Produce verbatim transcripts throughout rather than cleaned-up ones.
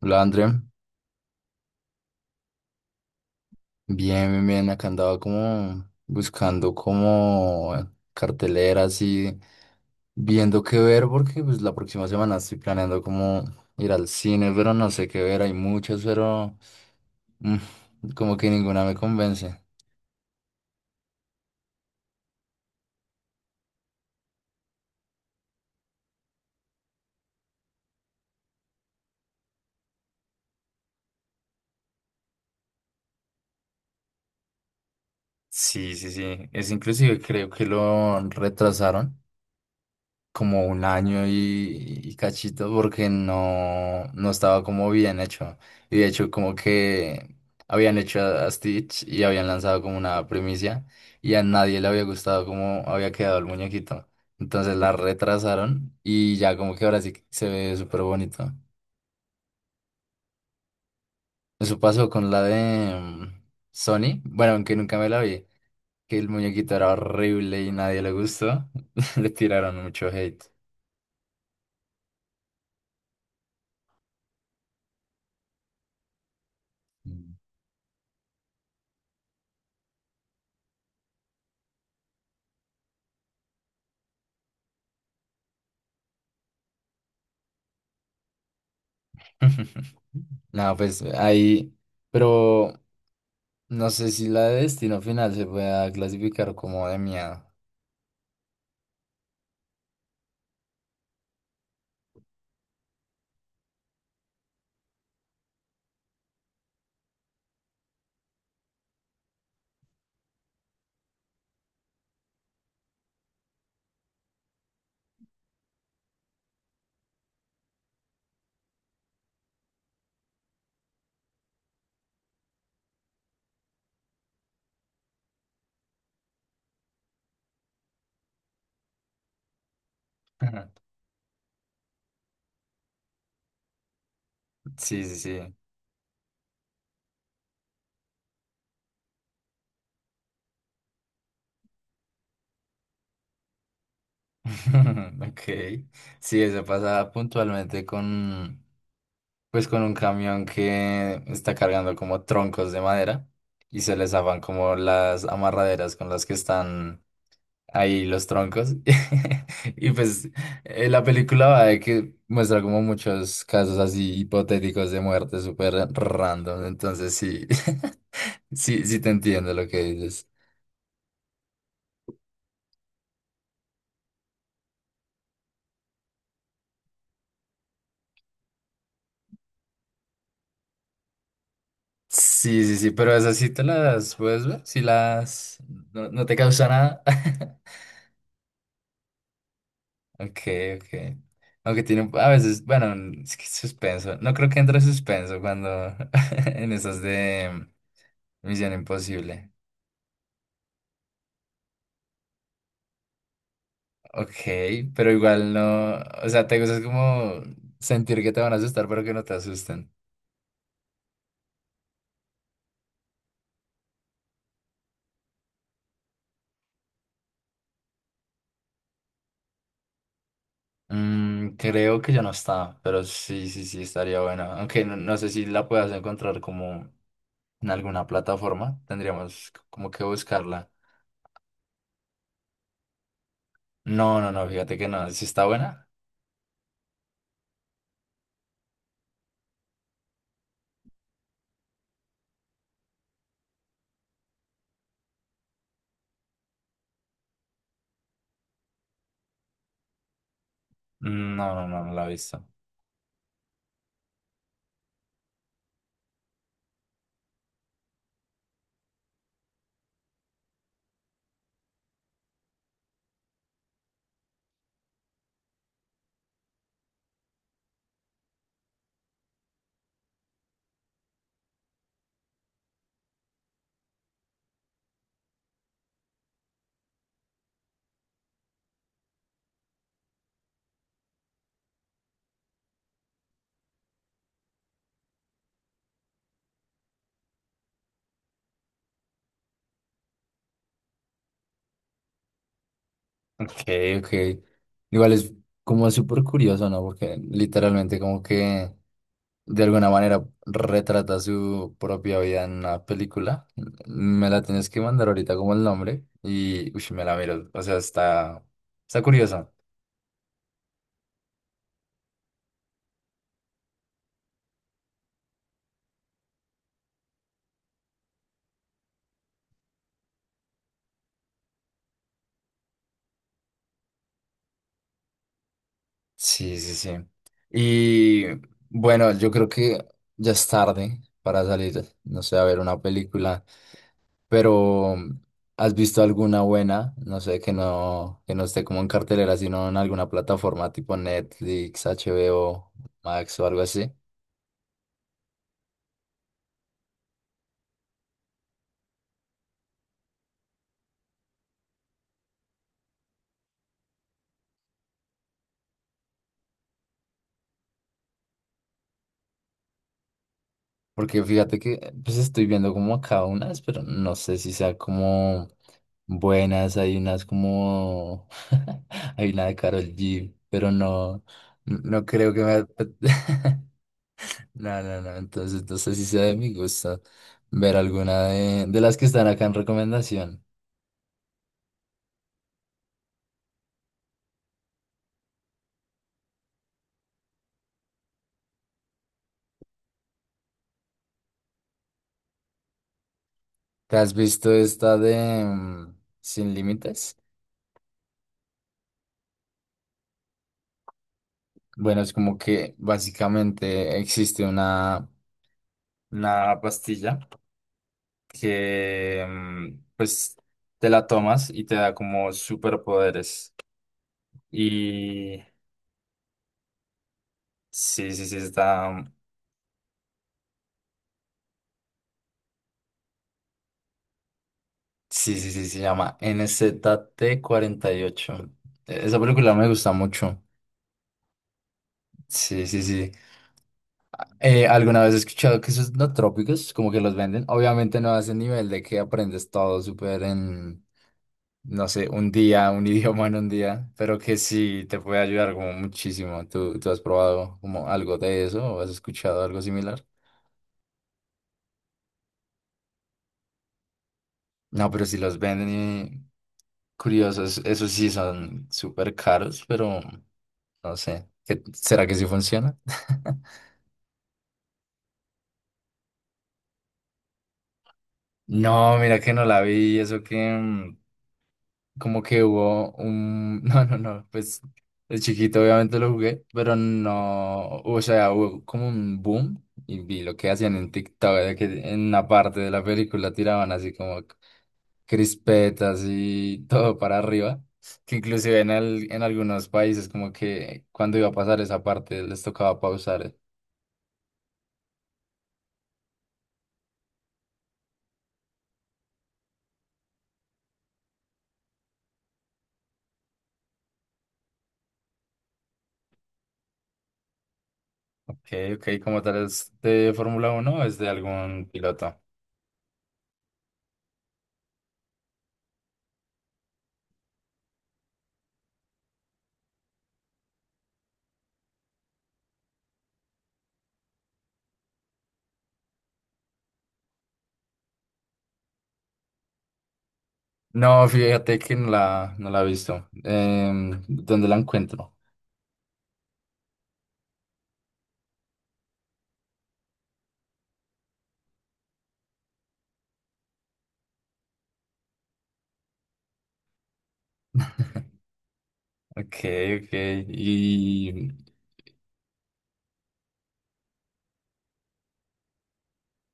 Hola, André. Bien, bien, bien. Acá andaba como buscando como carteleras y viendo qué ver porque pues la próxima semana estoy planeando como ir al cine, pero no sé qué ver. Hay muchas, pero mm, como que ninguna me convence. Sí, sí, sí. Es inclusive creo que lo retrasaron, como un año y, y cachito porque no, no estaba como bien hecho. Y de hecho como que habían hecho a a Stitch y habían lanzado como una primicia y a nadie le había gustado cómo había quedado el muñequito. Entonces la retrasaron y ya como que ahora sí que se ve súper bonito. Eso pasó con la de mm, Sony, bueno, aunque nunca me la vi, que el muñequito era horrible y nadie le gustó, le tiraron mucho hate. Mm. No, pues ahí, pero no sé si la de destino final se pueda clasificar como de miedo. Sí, sí, sí. Ok. Sí, eso pasa puntualmente con, pues con un camión que está cargando como troncos de madera y se les zafan como las amarraderas con las que están ahí los troncos. Y pues eh, la película va de que muestra como muchos casos así hipotéticos de muerte súper random. Entonces sí, sí, sí te entiendo lo que dices. Sí, sí, sí, pero esas sí te las puedes ver, si las... No, no te causa nada. Ok, ok. Aunque tiene un- a veces, bueno, es que suspenso. No creo que entre suspenso cuando en esas de Misión Imposible. Ok, pero igual no, o sea, te gusta es como sentir que te van a asustar, pero que no te asusten. Mm, creo que ya no está, pero sí, sí, sí, estaría bueno. Aunque no, no sé si la puedas encontrar como en alguna plataforma, tendríamos c- como que buscarla. No, no, no, fíjate que no, si está buena. Mm, No, no, no, no la he visto. Ok, ok. Igual es como súper curioso, ¿no? Porque literalmente como que... de alguna manera retrata su propia vida en una película. Me la tienes que mandar ahorita como el nombre y ush, me la miro. O sea, está, está curiosa. Sí, sí, sí. Y bueno, yo creo que ya es tarde para salir, no sé, a ver una película, pero ¿has visto alguna buena? No sé, que no, que no esté como en cartelera, sino en alguna plataforma tipo Netflix, H B O, Max o algo así. Porque fíjate que pues estoy viendo como acá unas, pero no sé si sea como buenas. Hay unas como hay una de Karol G, pero no, no creo que me No, no, no. Entonces no sé si sea de mi gusto ver alguna de, de las que están acá en recomendación. ¿Te has visto esta de mm, Sin Límites? Bueno, es como que básicamente existe una, una, pastilla. Que mm, pues te la tomas y te da como superpoderes. Y sí, sí, sí, está... Sí, sí, sí, se llama N Z T ocho E-, Esa película me gusta mucho. Sí, sí, sí. Eh, alguna vez he escuchado que esos no trópicos, como que los venden, obviamente no a ese nivel de que aprendes todo súper en, no sé, un día, un idioma en un día, pero que sí te puede ayudar como muchísimo. ¿Tú, tú has probado como algo de eso o has escuchado algo similar? No, pero si los venden y curiosos, esos sí son súper caros, pero no sé, ¿qué- será que sí funciona? No, mira que no la vi, eso que... mm, como que hubo un... No, no, no, pues de chiquito obviamente lo jugué, pero no, o sea, hubo como un boom y vi lo que hacían en TikTok, de que en una parte de la película tiraban así como crispetas y todo para arriba, que inclusive en, el en algunos países como que cuando iba a pasar esa parte les tocaba pausar. eh. Ok, ok, ¿cómo tal es de Fórmula Uno o es de algún piloto? No, fíjate que no la, no la he visto. Em, ¿dónde la encuentro? Ok, ok. Y,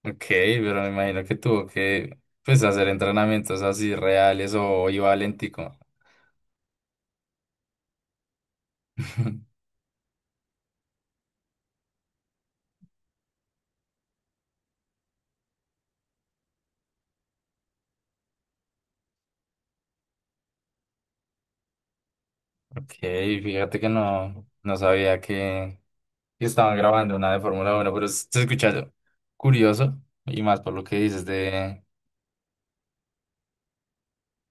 ok, pero me imagino que tuvo que, pues, hacer entrenamientos así reales o iba al Éntico. Ok, fíjate que no, no sabía que, que estaban grabando una de Fórmula Uno, pero se se escucha curioso y más por lo que dices de...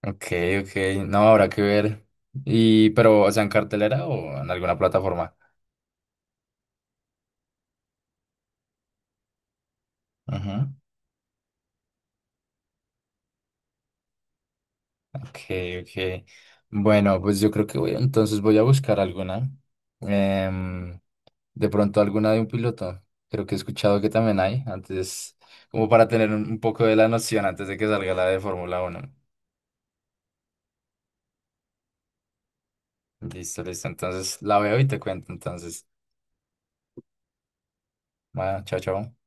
Ok, ok, no habrá que ver. Y, pero, o sea, en cartelera o en alguna plataforma. Ujú. Ok, ok. Bueno, pues yo creo que voy, entonces voy a buscar alguna. Em, de pronto alguna de un piloto. Creo que he escuchado que también hay, antes, como para tener un, un, poco de la noción antes de que salga la de Fórmula Uno. Listo, listo. Entonces la veo y te cuento. Entonces, bueno, chao, chao.